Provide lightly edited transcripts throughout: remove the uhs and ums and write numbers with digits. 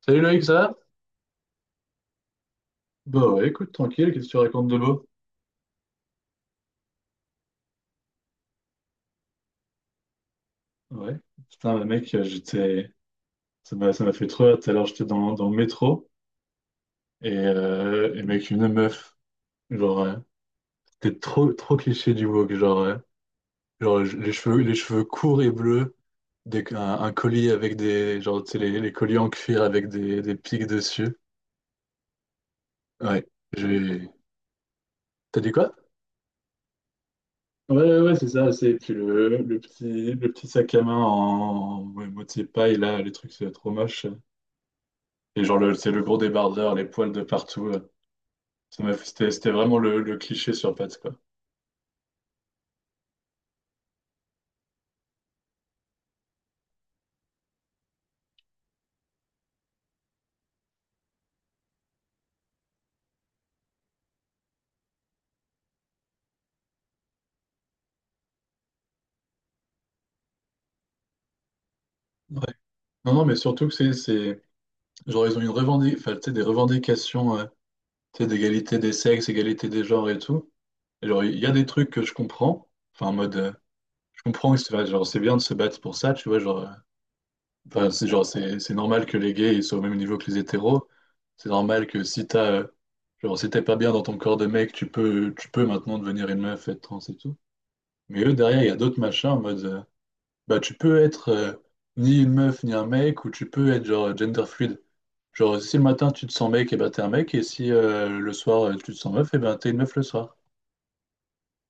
Salut Loïc, ça va? Bah ouais, écoute, tranquille, qu'est-ce que tu racontes de beau? Ouais. Putain, bah mec, j'étais. Ça m'a fait trop rire. Tout à l'heure, j'étais dans le métro et mec, une meuf. Genre, c'était trop cliché du woke. Genre, genre les cheveux courts et bleus, des, un collier avec des. Genre, tu sais, les colliers en cuir avec des pics dessus. Ouais. J'ai. T'as dit quoi? Ouais, ouais, ouais, c'est ça, c'est puis le petit sac à main en ouais, moitié paille, là, les trucs, c'est trop moche. Et genre, c'est le gros débardeur, les poils de partout. C'était c'était vraiment le cliché sur Pâtes, quoi. Non, non, mais surtout que genre, ils ont une enfin, tu sais, des revendications, tu sais, d'égalité des sexes, égalité des genres et tout. Et genre, il y a des trucs que je comprends, enfin, en mode, je comprends, enfin, genre, c'est bien de se battre pour ça, tu vois, genre, Enfin, c'est genre, c'est normal que les gays ils soient au même niveau que les hétéros. C'est normal que si t'as, genre, si t'es pas bien dans ton corps de mec, tu peux maintenant devenir une meuf, être trans et tout. Mais eux, derrière, il y a d'autres machins en mode, bah, tu peux être ni une meuf ni un mec, ou tu peux être genre gender fluid. Genre, si le matin tu te sens mec, et ben t'es un mec, et si le soir tu te sens meuf, et ben t'es une meuf le soir.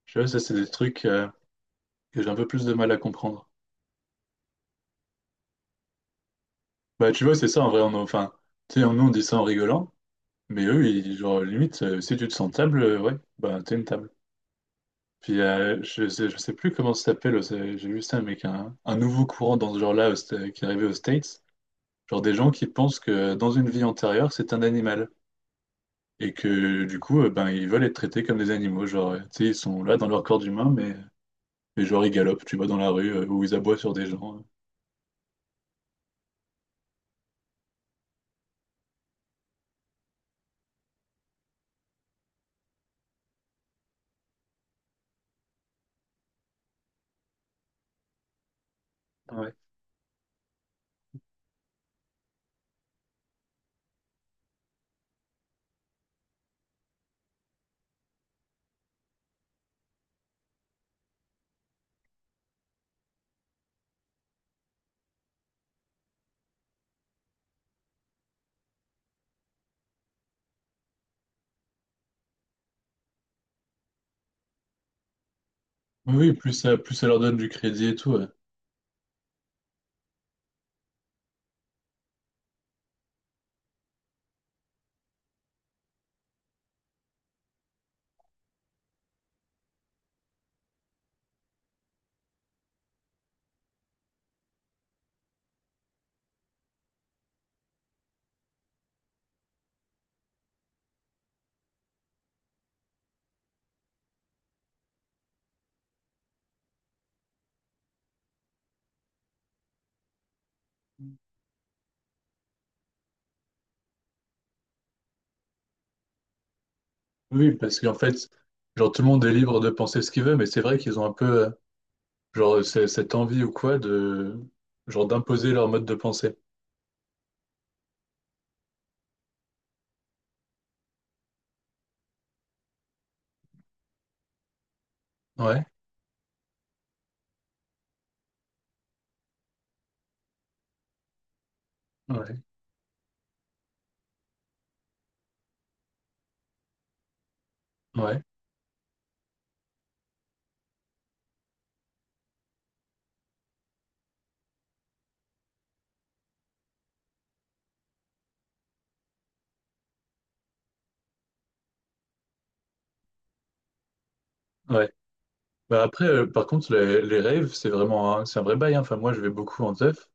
Je sais, ça, c'est des trucs que j'ai un peu plus de mal à comprendre. Bah, tu vois, c'est ça en vrai, on, enfin, tu sais, nous on dit ça en rigolant. Mais eux, ils, genre, limite, si tu te sens table, ouais, bah t'es une table. Puis je sais plus comment ça s'appelle, j'ai vu ça, mec, un nouveau courant dans ce genre-là au qui est arrivé aux States. Genre des gens qui pensent que dans une vie antérieure, c'est un animal. Et que du coup, ben, ils veulent être traités comme des animaux. Genre, tu sais, ils sont là dans leur corps d'humain, mais genre ils galopent, tu vois, dans la rue, ou ils aboient sur des gens. Ouais. Oui, oui, plus ça leur donne du crédit et tout, ouais. Oui, parce qu'en fait, genre tout le monde est libre de penser ce qu'il veut, mais c'est vrai qu'ils ont un peu genre cette envie ou quoi de genre d'imposer leur mode de pensée. Ouais, ouais, ouais, ouais. Bah après, par contre, les raves, c'est vraiment un, c'est un vrai bail, hein. Enfin, moi, je vais beaucoup en teuf.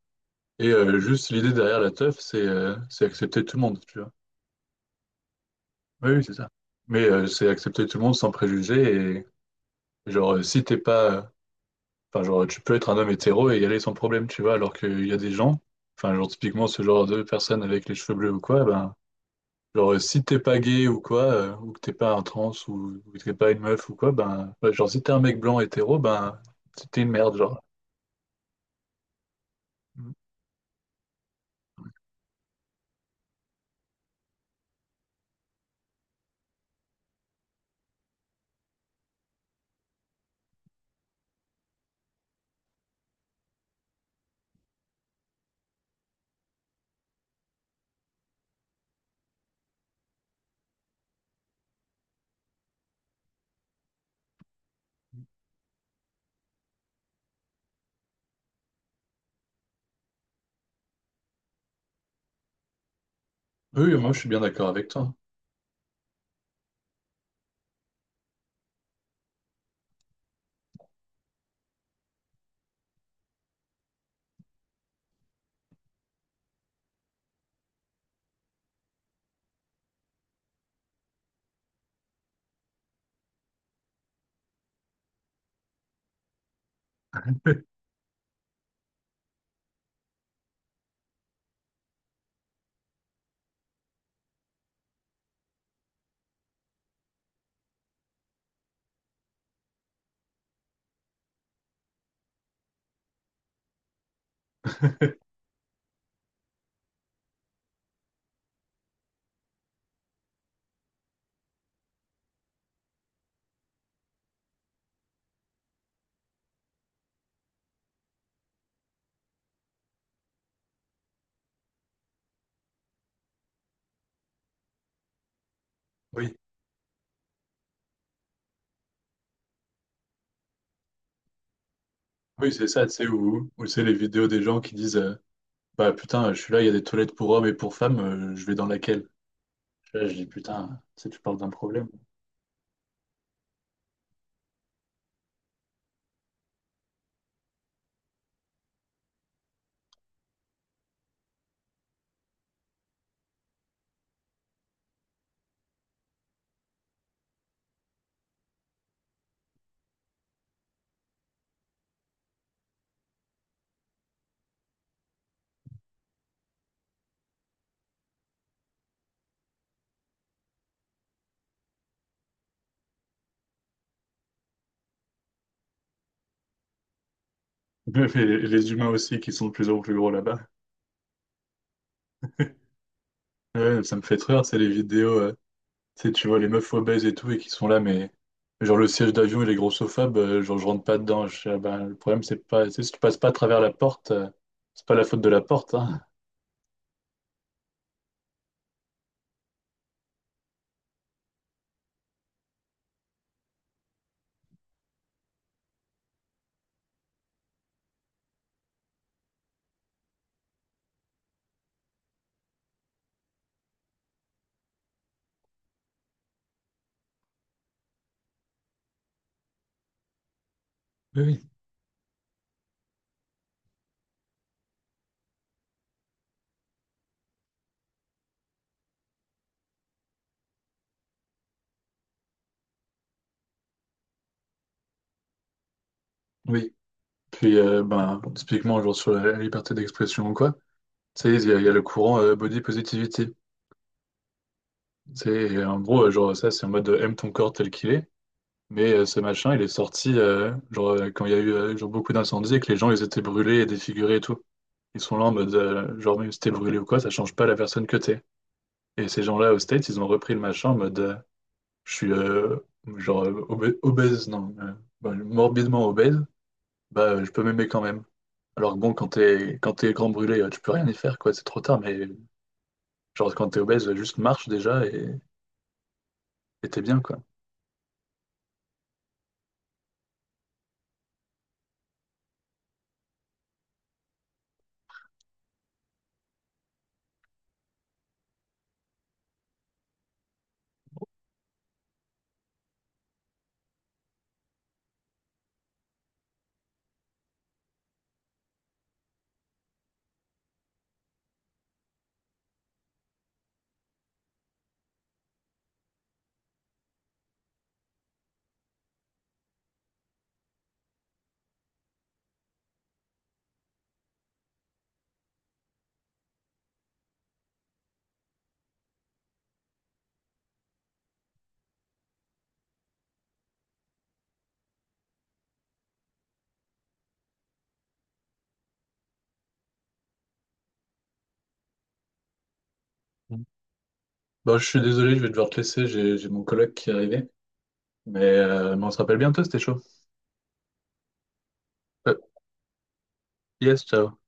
Et juste l'idée derrière la teuf, c'est accepter tout le monde, tu vois. Oui, oui, c'est ça. Mais c'est accepter tout le monde sans préjugés. Et genre, si t'es pas Enfin, genre, tu peux être un homme hétéro et y aller sans problème, tu vois, alors qu'il y a des gens, enfin, genre, typiquement, ce genre de personnes avec les cheveux bleus ou quoi, ben, genre, si t'es pas gay ou quoi, ou que t'es pas un trans ou que t'es pas une meuf ou quoi, ben, ouais, genre, si t'es un mec blanc hétéro, ben, t'es une merde, genre. Oui, moi, je suis bien d'accord avec toi. Oui, oui, c'est ça, tu sais, où, où c'est les vidéos des gens qui disent Bah putain, je suis là, il y a des toilettes pour hommes et pour femmes, je vais dans laquelle? Je, suis là, je dis putain, tu sais, tu parles d'un problème. Bref. Et les humains aussi qui sont de plus en plus gros là-bas. Ouais, ça me fait trop rire, c'est les vidéos. Tu sais, tu vois les meufs obèses et tout, et qui sont là, mais genre le siège d'avion, il est grossophobe, genre je rentre pas dedans. Je, fais, ah ben, le problème, c'est pas, tu sais, si tu passes pas à travers la porte, c'est pas la faute de la porte, hein. Oui, oui. Oui. Puis, ben, bon, typiquement, genre sur la liberté d'expression ou quoi, tu sais, il y a le courant body positivity. Tu sais, et en gros, genre ça, c'est en mode aime ton corps tel qu'il est. Mais ce machin, il est sorti genre, quand il y a eu genre, beaucoup d'incendies et que les gens ils étaient brûlés et défigurés et tout. Ils sont là en mode, genre même si t'es brûlé ou quoi, ça change pas la personne que t'es. Et ces gens-là au States, ils ont repris le machin en mode, je suis genre obèse, non, bah, morbidement obèse, bah je peux m'aimer quand même. Alors que bon, quand t'es grand brûlé, tu peux rien y faire, quoi, c'est trop tard, mais genre quand t'es obèse, juste marche déjà et t'es bien, quoi. Mm. Bon, je suis désolé, je vais devoir te laisser, j'ai mon coloc qui est arrivé. Mais on se rappelle bientôt, c'était chaud. Euh, yes, ciao.